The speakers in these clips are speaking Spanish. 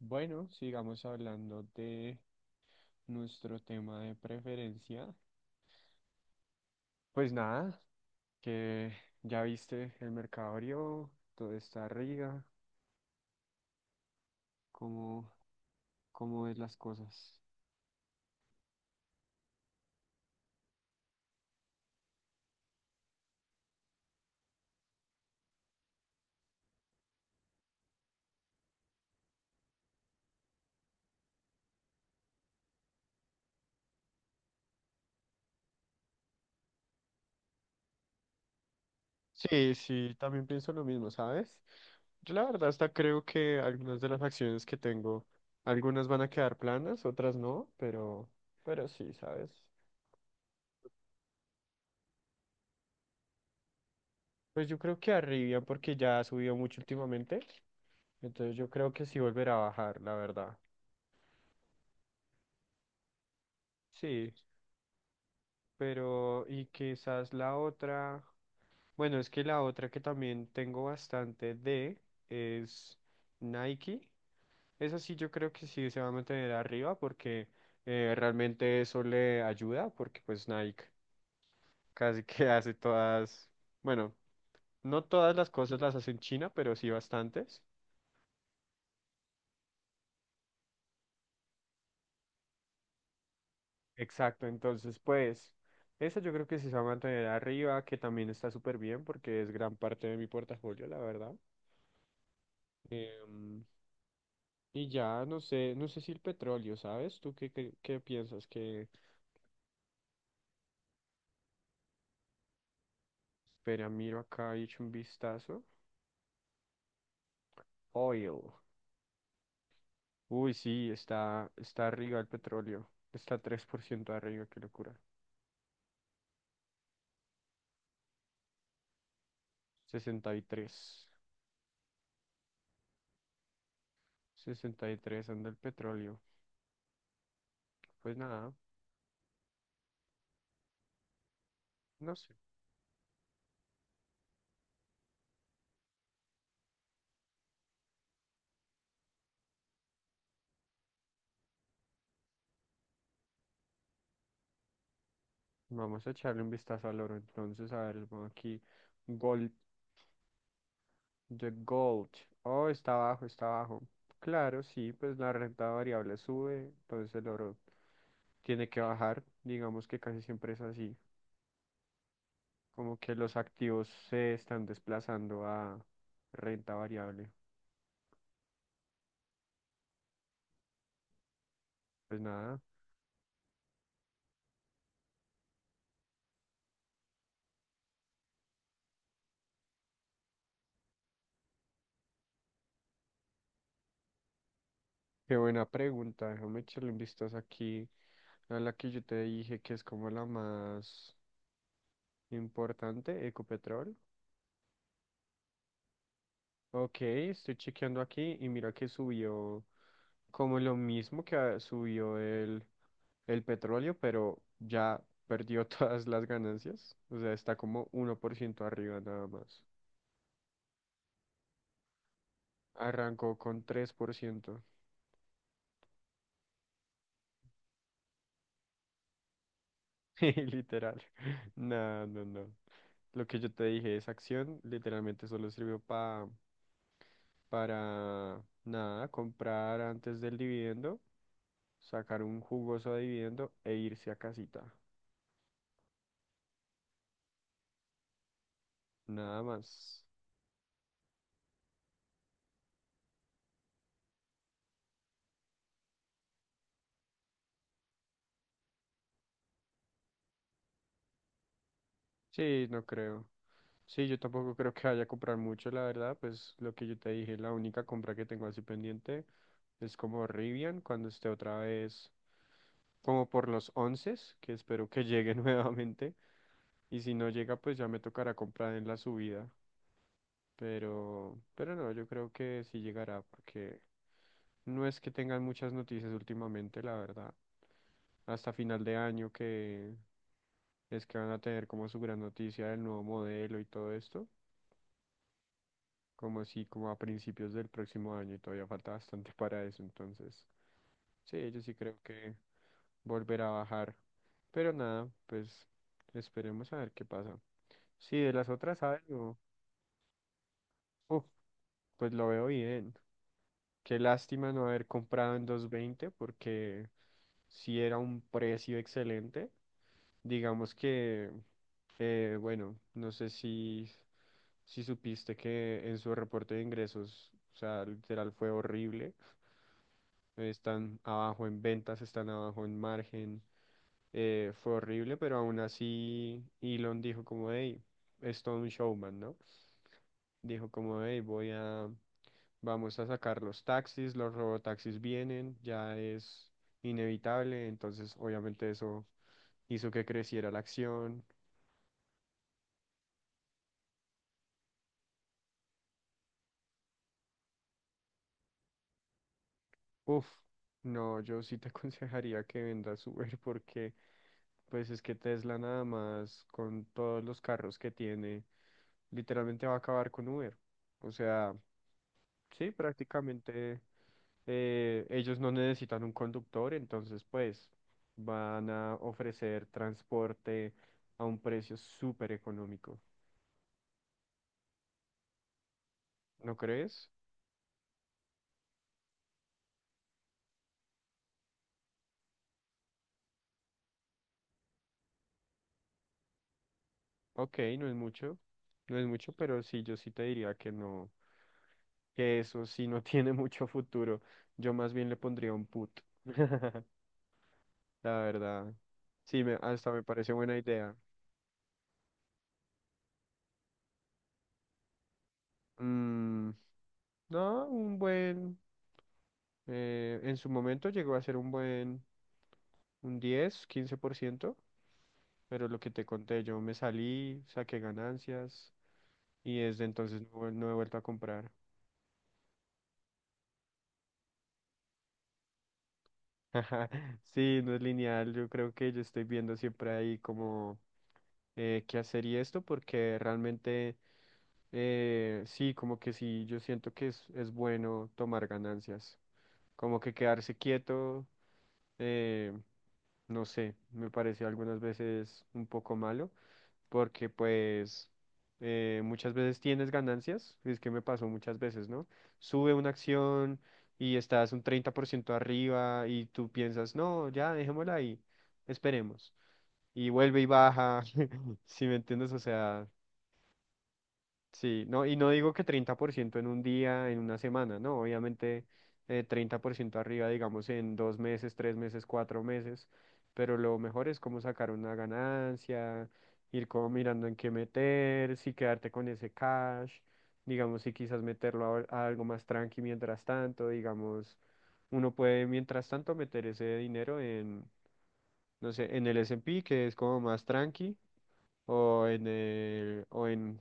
Bueno, sigamos hablando de nuestro tema de preferencia. Pues nada, que ya viste el mercado abrió, todo está arriba, cómo, cómo ves las cosas. Sí, sí, también pienso lo mismo, ¿sabes? Yo la verdad hasta creo que algunas de las acciones que tengo, algunas van a quedar planas, otras no, pero sí, ¿sabes? Pues yo creo que arriba porque ya ha subido mucho últimamente, entonces yo creo que sí volverá a bajar, la verdad. Sí. Pero, y quizás la otra, bueno, es que la otra que también tengo bastante de es Nike. Esa sí yo creo que sí se va a mantener arriba porque realmente eso le ayuda porque pues Nike casi que hace todas, bueno, no todas las cosas las hace en China, pero sí bastantes. Exacto, entonces pues esa yo creo que sí se va a mantener arriba, que también está súper bien porque es gran parte de mi portafolio, la verdad. Em, Y ya, no sé si el petróleo, ¿sabes? ¿Tú qué piensas que... Espera, miro acá, he hecho un vistazo. Oil. Uy, sí, está arriba el petróleo. Está 3% arriba, qué locura. 60, 63. 63 anda el petróleo. Pues nada, no sé. Vamos a echarle un vistazo al oro entonces, a ver, vamos aquí. Gold. The Gold. Oh, está abajo, está abajo. Claro, sí, pues la renta variable sube, entonces el oro tiene que bajar. Digamos que casi siempre es así. Como que los activos se están desplazando a renta variable. Pues nada, qué buena pregunta. Déjame echarle un vistazo aquí a la que yo te dije que es como la más importante, Ecopetrol. Ok, estoy chequeando aquí y mira que subió como lo mismo que subió el petróleo, pero ya perdió todas las ganancias. O sea, está como 1% arriba nada más. Arrancó con 3%. Literal. No, no, no. Lo que yo te dije, esa acción literalmente solo sirvió pa para nada, comprar antes del dividendo, sacar un jugoso dividendo e irse a casita. Nada más. Sí, no creo. Sí, yo tampoco creo que vaya a comprar mucho, la verdad, pues lo que yo te dije, la única compra que tengo así pendiente es como Rivian, cuando esté otra vez como por los 11, que espero que llegue nuevamente, y si no llega, pues ya me tocará comprar en la subida, pero no, yo creo que sí llegará, porque no es que tengan muchas noticias últimamente, la verdad, hasta final de año que es que van a tener como su gran noticia del nuevo modelo y todo esto. Como si como a principios del próximo año y todavía falta bastante para eso, entonces sí, yo sí creo que volverá a bajar, pero nada, pues esperemos a ver qué pasa. Sí, de las otras aves, no, uf, pues lo veo bien. Qué lástima no haber comprado en 220 porque si era un precio excelente. Digamos que, bueno, no sé si supiste que en su reporte de ingresos, o sea, literal fue horrible. Están abajo en ventas, están abajo en margen. Fue horrible, pero aún así Elon dijo como, hey, es todo un showman, ¿no? Dijo como, hey, voy a, vamos a sacar los taxis, los robotaxis vienen, ya es inevitable, entonces obviamente eso hizo que creciera la acción. Uf, no, yo sí te aconsejaría que vendas Uber porque pues es que Tesla nada más con todos los carros que tiene, literalmente va a acabar con Uber. O sea, sí, prácticamente ellos no necesitan un conductor, entonces pues van a ofrecer transporte a un precio súper económico. ¿No crees? Ok, no es mucho, no es mucho, pero sí, yo sí te diría que no. Que eso sí no tiene mucho futuro. Yo más bien le pondría un put. La verdad. Sí, hasta me parece buena idea. Mm, no, un buen... en su momento llegó a ser un buen... Un 10-15% Pero lo que te conté, yo me salí, saqué ganancias y desde entonces no, no he vuelto a comprar. Sí, no es lineal. Yo creo que yo estoy viendo siempre ahí como qué hacer y esto, porque realmente sí, como que sí, yo siento que es bueno tomar ganancias. Como que quedarse quieto, eh, no sé, me parece algunas veces un poco malo, porque pues muchas veces tienes ganancias, es que me pasó muchas veces, ¿no? Sube una acción y estás un 30% arriba y tú piensas, no, ya, dejémosla ahí, esperemos. Y vuelve y baja, si me entiendes, o sea, sí, no, y no digo que 30% en un día, en una semana, no, obviamente 30% arriba, digamos, en 2 meses, 3 meses, 4 meses, pero lo mejor es como sacar una ganancia, ir como mirando en qué meter, si quedarte con ese cash, digamos, si quizás meterlo a algo más tranqui mientras tanto, digamos, uno puede mientras tanto meter ese dinero en, no sé, en el S and P que es como más tranqui, o en el,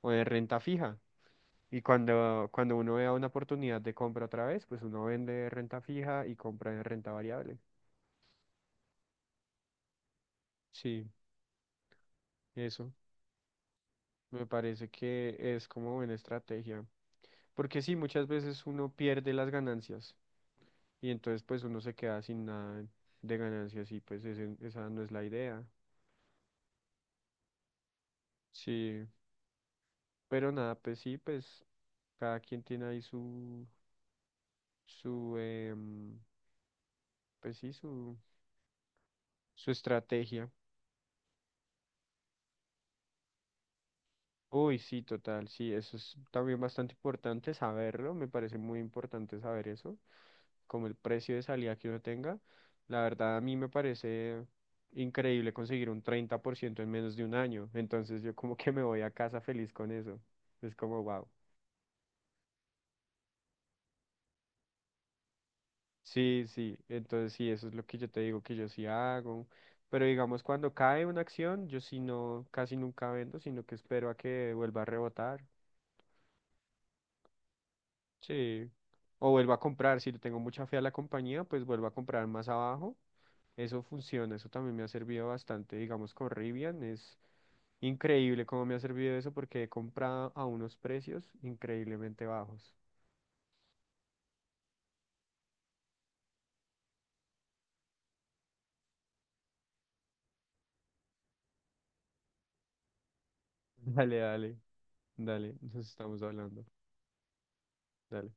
o en renta fija y cuando uno vea una oportunidad de compra otra vez, pues uno vende renta fija y compra en renta variable. Sí, eso. Me parece que es como buena estrategia. Porque sí, muchas veces uno pierde las ganancias y entonces pues uno se queda sin nada de ganancias y pues esa no es la idea. Sí, pero nada, pues sí, pues cada quien tiene ahí su, em, pues sí, su estrategia. Uy, sí, total, sí, eso es también bastante importante saberlo, me parece muy importante saber eso, como el precio de salida que uno tenga. La verdad, a mí me parece increíble conseguir un 30% en menos de un año, entonces yo como que me voy a casa feliz con eso, es como wow. Sí, sí, entonces sí, eso es lo que yo te digo que yo sí hago, pero digamos cuando cae una acción, yo sí no, casi nunca vendo, sino que espero a que vuelva a rebotar. Sí. O vuelvo a comprar, si le tengo mucha fe a la compañía, pues vuelvo a comprar más abajo. Eso funciona, eso también me ha servido bastante, digamos, con Rivian. Es increíble cómo me ha servido eso porque he comprado a unos precios increíblemente bajos. Dale, dale, dale, nos estamos hablando. Dale.